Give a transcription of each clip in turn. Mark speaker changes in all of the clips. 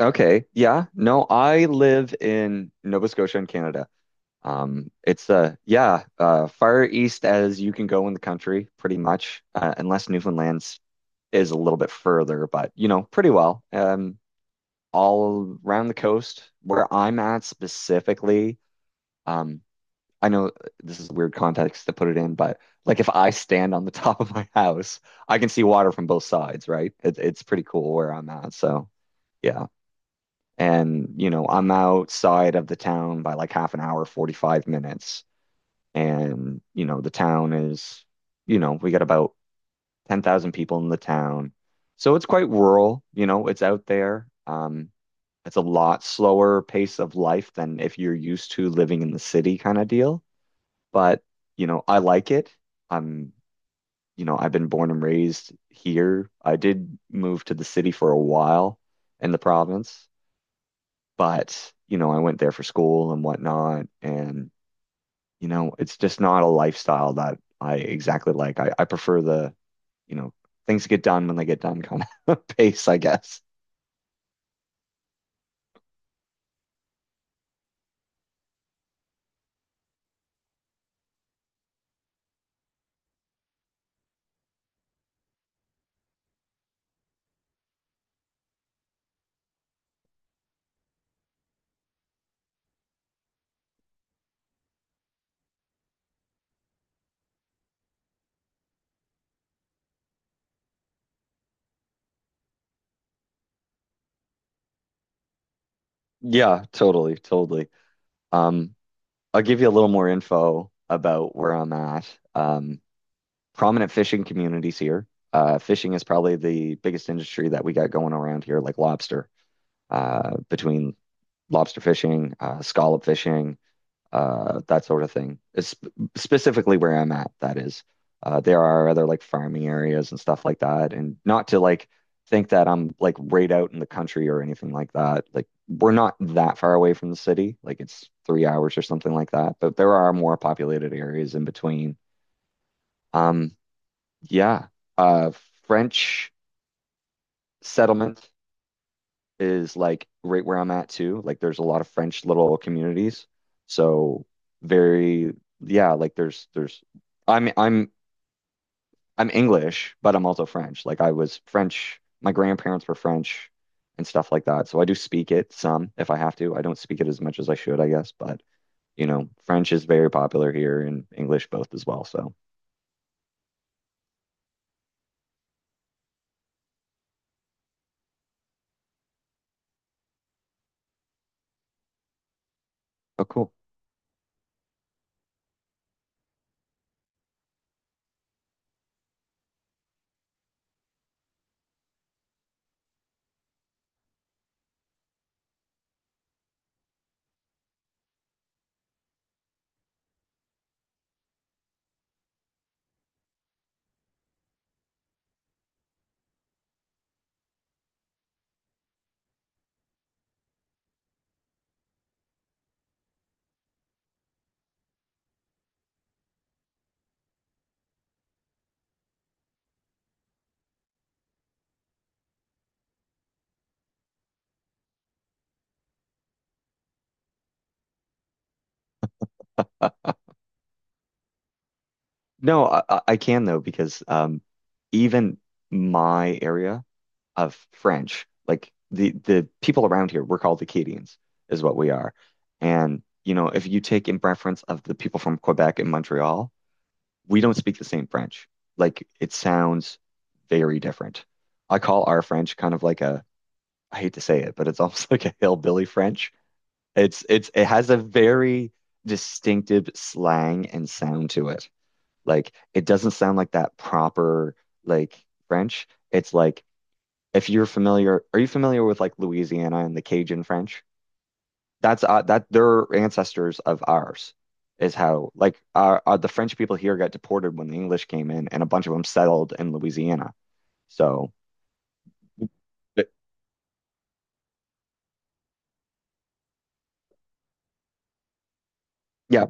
Speaker 1: Okay. Yeah. No, I live in Nova Scotia in Canada. Far east as you can go in the country, pretty much, unless Newfoundland's is a little bit further, but you know, pretty well. All around the coast where I'm at specifically, um, I know this is weird context to put it in, but like if I stand on the top of my house, I can see water from both sides, right? It's pretty cool where I'm at. So yeah. And, you know, I'm outside of the town by like half an hour, 45 minutes. And, you know, the town is, you know, we got about 10,000 people in the town. So it's quite rural, you know, it's out there. It's a lot slower pace of life than if you're used to living in the city kind of deal. But, you know, I like it. I'm, you know, I've been born and raised here. I did move to the city for a while in the province. But, you know, I went there for school and whatnot. And, you know, it's just not a lifestyle that I exactly like. I prefer the, you know, things get done when they get done kind of pace, I guess. Yeah, totally. Um, I'll give you a little more info about where I'm at. Um, prominent fishing communities here. Fishing is probably the biggest industry that we got going around here, like lobster, between lobster fishing, scallop fishing, that sort of thing. It's specifically where I'm at, that is. There are other like farming areas and stuff like that. And not to like think that I'm like right out in the country or anything like that. Like we're not that far away from the city. Like it's 3 hours or something like that. But there are more populated areas in between. Um, yeah. Uh, French settlement is like right where I'm at too. Like there's a lot of French little communities. So very yeah, like there's I'm I'm English, but I'm also French. Like I was French, my grandparents were French and stuff like that. So I do speak it some if I have to. I don't speak it as much as I should, I guess, but you know, French is very popular here and English both as well. So, oh cool. No, I can though because even my area of French. Like the people around here, we're called Acadians, is what we are. And you know, if you take in reference of the people from Quebec and Montreal, we don't speak the same French. Like it sounds very different. I call our French kind of like I hate to say it, but it's almost like a hillbilly French. It's it has a very distinctive slang and sound to it. Like it doesn't sound like that proper like French. It's like if you're familiar, are you familiar with like Louisiana and the Cajun French? That's that they're ancestors of ours, is how like our the French people here got deported when the English came in, and a bunch of them settled in Louisiana. So, but- yeah,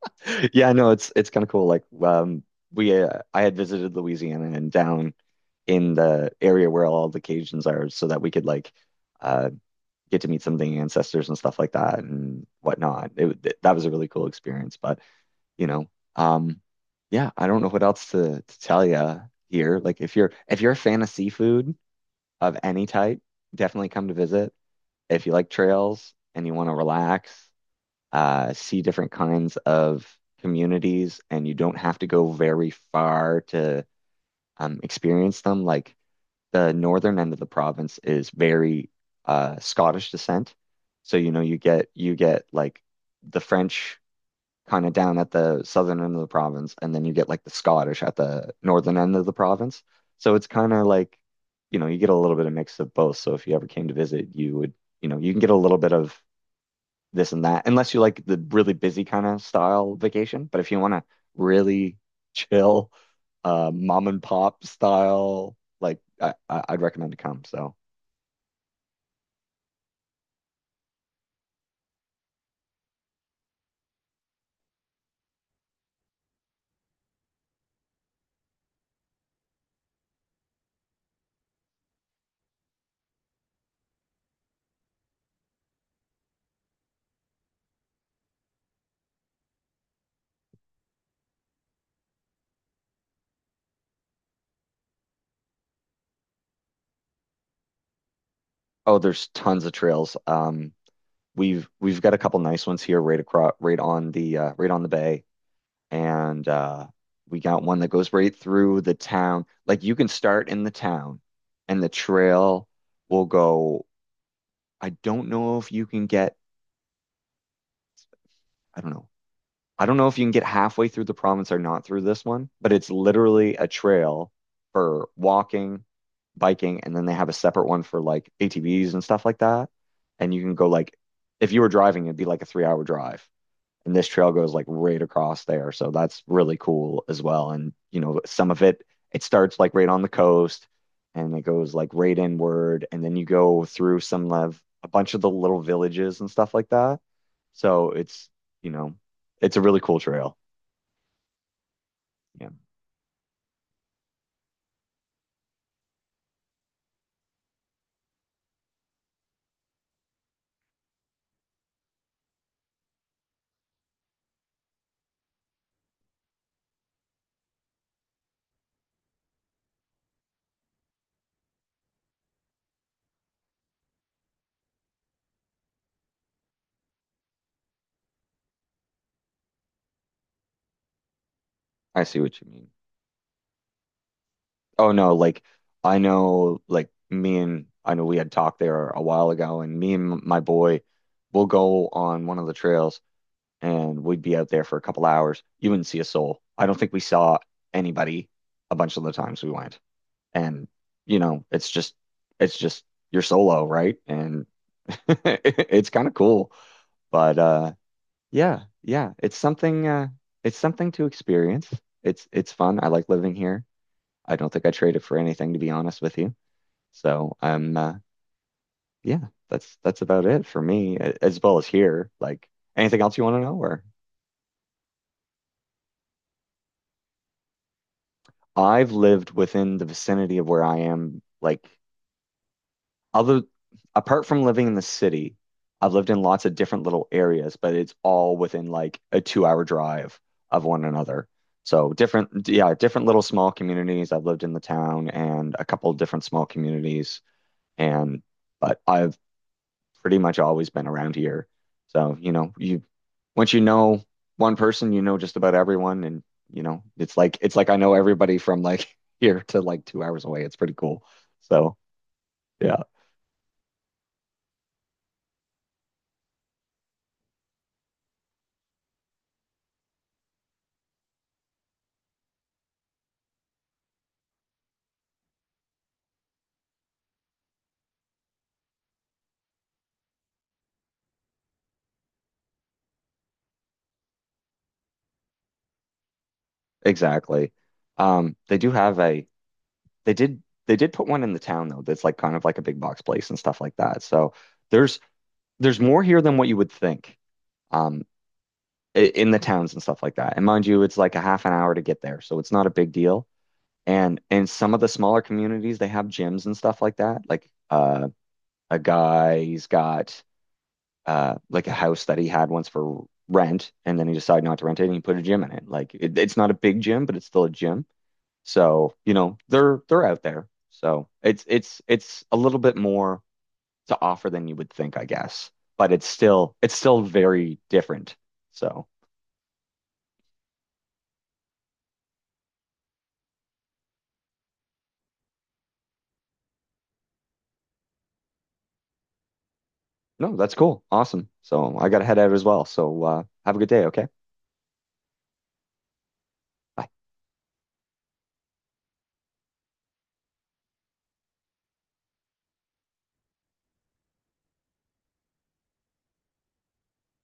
Speaker 1: yeah, no, it's kind of cool. Like, we I had visited Louisiana and down in the area where all the Cajuns are, so that we could like uh get to meet some of the ancestors and stuff like that and whatnot. That was a really cool experience, but. You know. Um, yeah, I don't know what else to tell you here. Like if you're a fan of seafood of any type, definitely come to visit. If you like trails and you want to relax, see different kinds of communities, and you don't have to go very far to experience them. Like the northern end of the province is very Scottish descent, so you know you get like the French kind of down at the southern end of the province, and then you get like the Scottish at the northern end of the province. So it's kind of like, you know, you get a little bit of mix of both. So if you ever came to visit, you would, you know, you can get a little bit of this and that, unless you like the really busy kind of style vacation. But if you want to really chill, mom and pop style, like I'd recommend to come. So, oh, there's tons of trails. We've got a couple nice ones here, right across, right on the bay. And we got one that goes right through the town. Like you can start in the town, and the trail will go. I don't know if you can get. I don't know. I don't know if you can get halfway through the province or not through this one, but it's literally a trail for walking, biking, and then they have a separate one for like ATVs and stuff like that. And you can go like, if you were driving, it'd be like a 3 hour drive. And this trail goes like right across there. So that's really cool as well. And you know, some of it it starts like right on the coast and it goes like right inward and then you go through some of a bunch of the little villages and stuff like that. So it's, you know, it's a really cool trail. Yeah. I see what you mean. Oh no, like I know like me and I know we had talked there a while ago and me and my boy will go on one of the trails and we'd be out there for a couple hours. You wouldn't see a soul. I don't think we saw anybody a bunch of the times we went. And you know, it's just you're solo, right? And it's kind of cool. But yeah, it's something to experience. It's fun. I like living here. I don't think I trade it for anything to be honest with you. So, I'm yeah, that's about it for me as well as here. Like anything else you want to know or I've lived within the vicinity of where I am, like other apart from living in the city, I've lived in lots of different little areas, but it's all within like a 2 hour drive of one another. So different, yeah, different little small communities. I've lived in the town and a couple of different small communities and but I've pretty much always been around here. So, you know, you once you know one person, you know just about everyone and you know, it's like I know everybody from like here to like 2 hours away. It's pretty cool. So, yeah, exactly. They do have a they did they did put one in the town though that's like kind of like a big box place and stuff like that. So there's there's more here than what you would think. Um, in the towns and stuff like that. And mind you, it's like a half an hour to get there, so it's not a big deal. And in some of the smaller communities, they have gyms and stuff like that. Like a guy, he's got like a house that he had once for rent, and then he decided not to rent it, and he put a gym in it. Like it's not a big gym, but it's still a gym. So, you know, they're out there. So it's a little bit more to offer than you would think, I guess. But it's still very different. So no, that's cool. Awesome. So I gotta head out as well. So have a good day. Okay. Bye.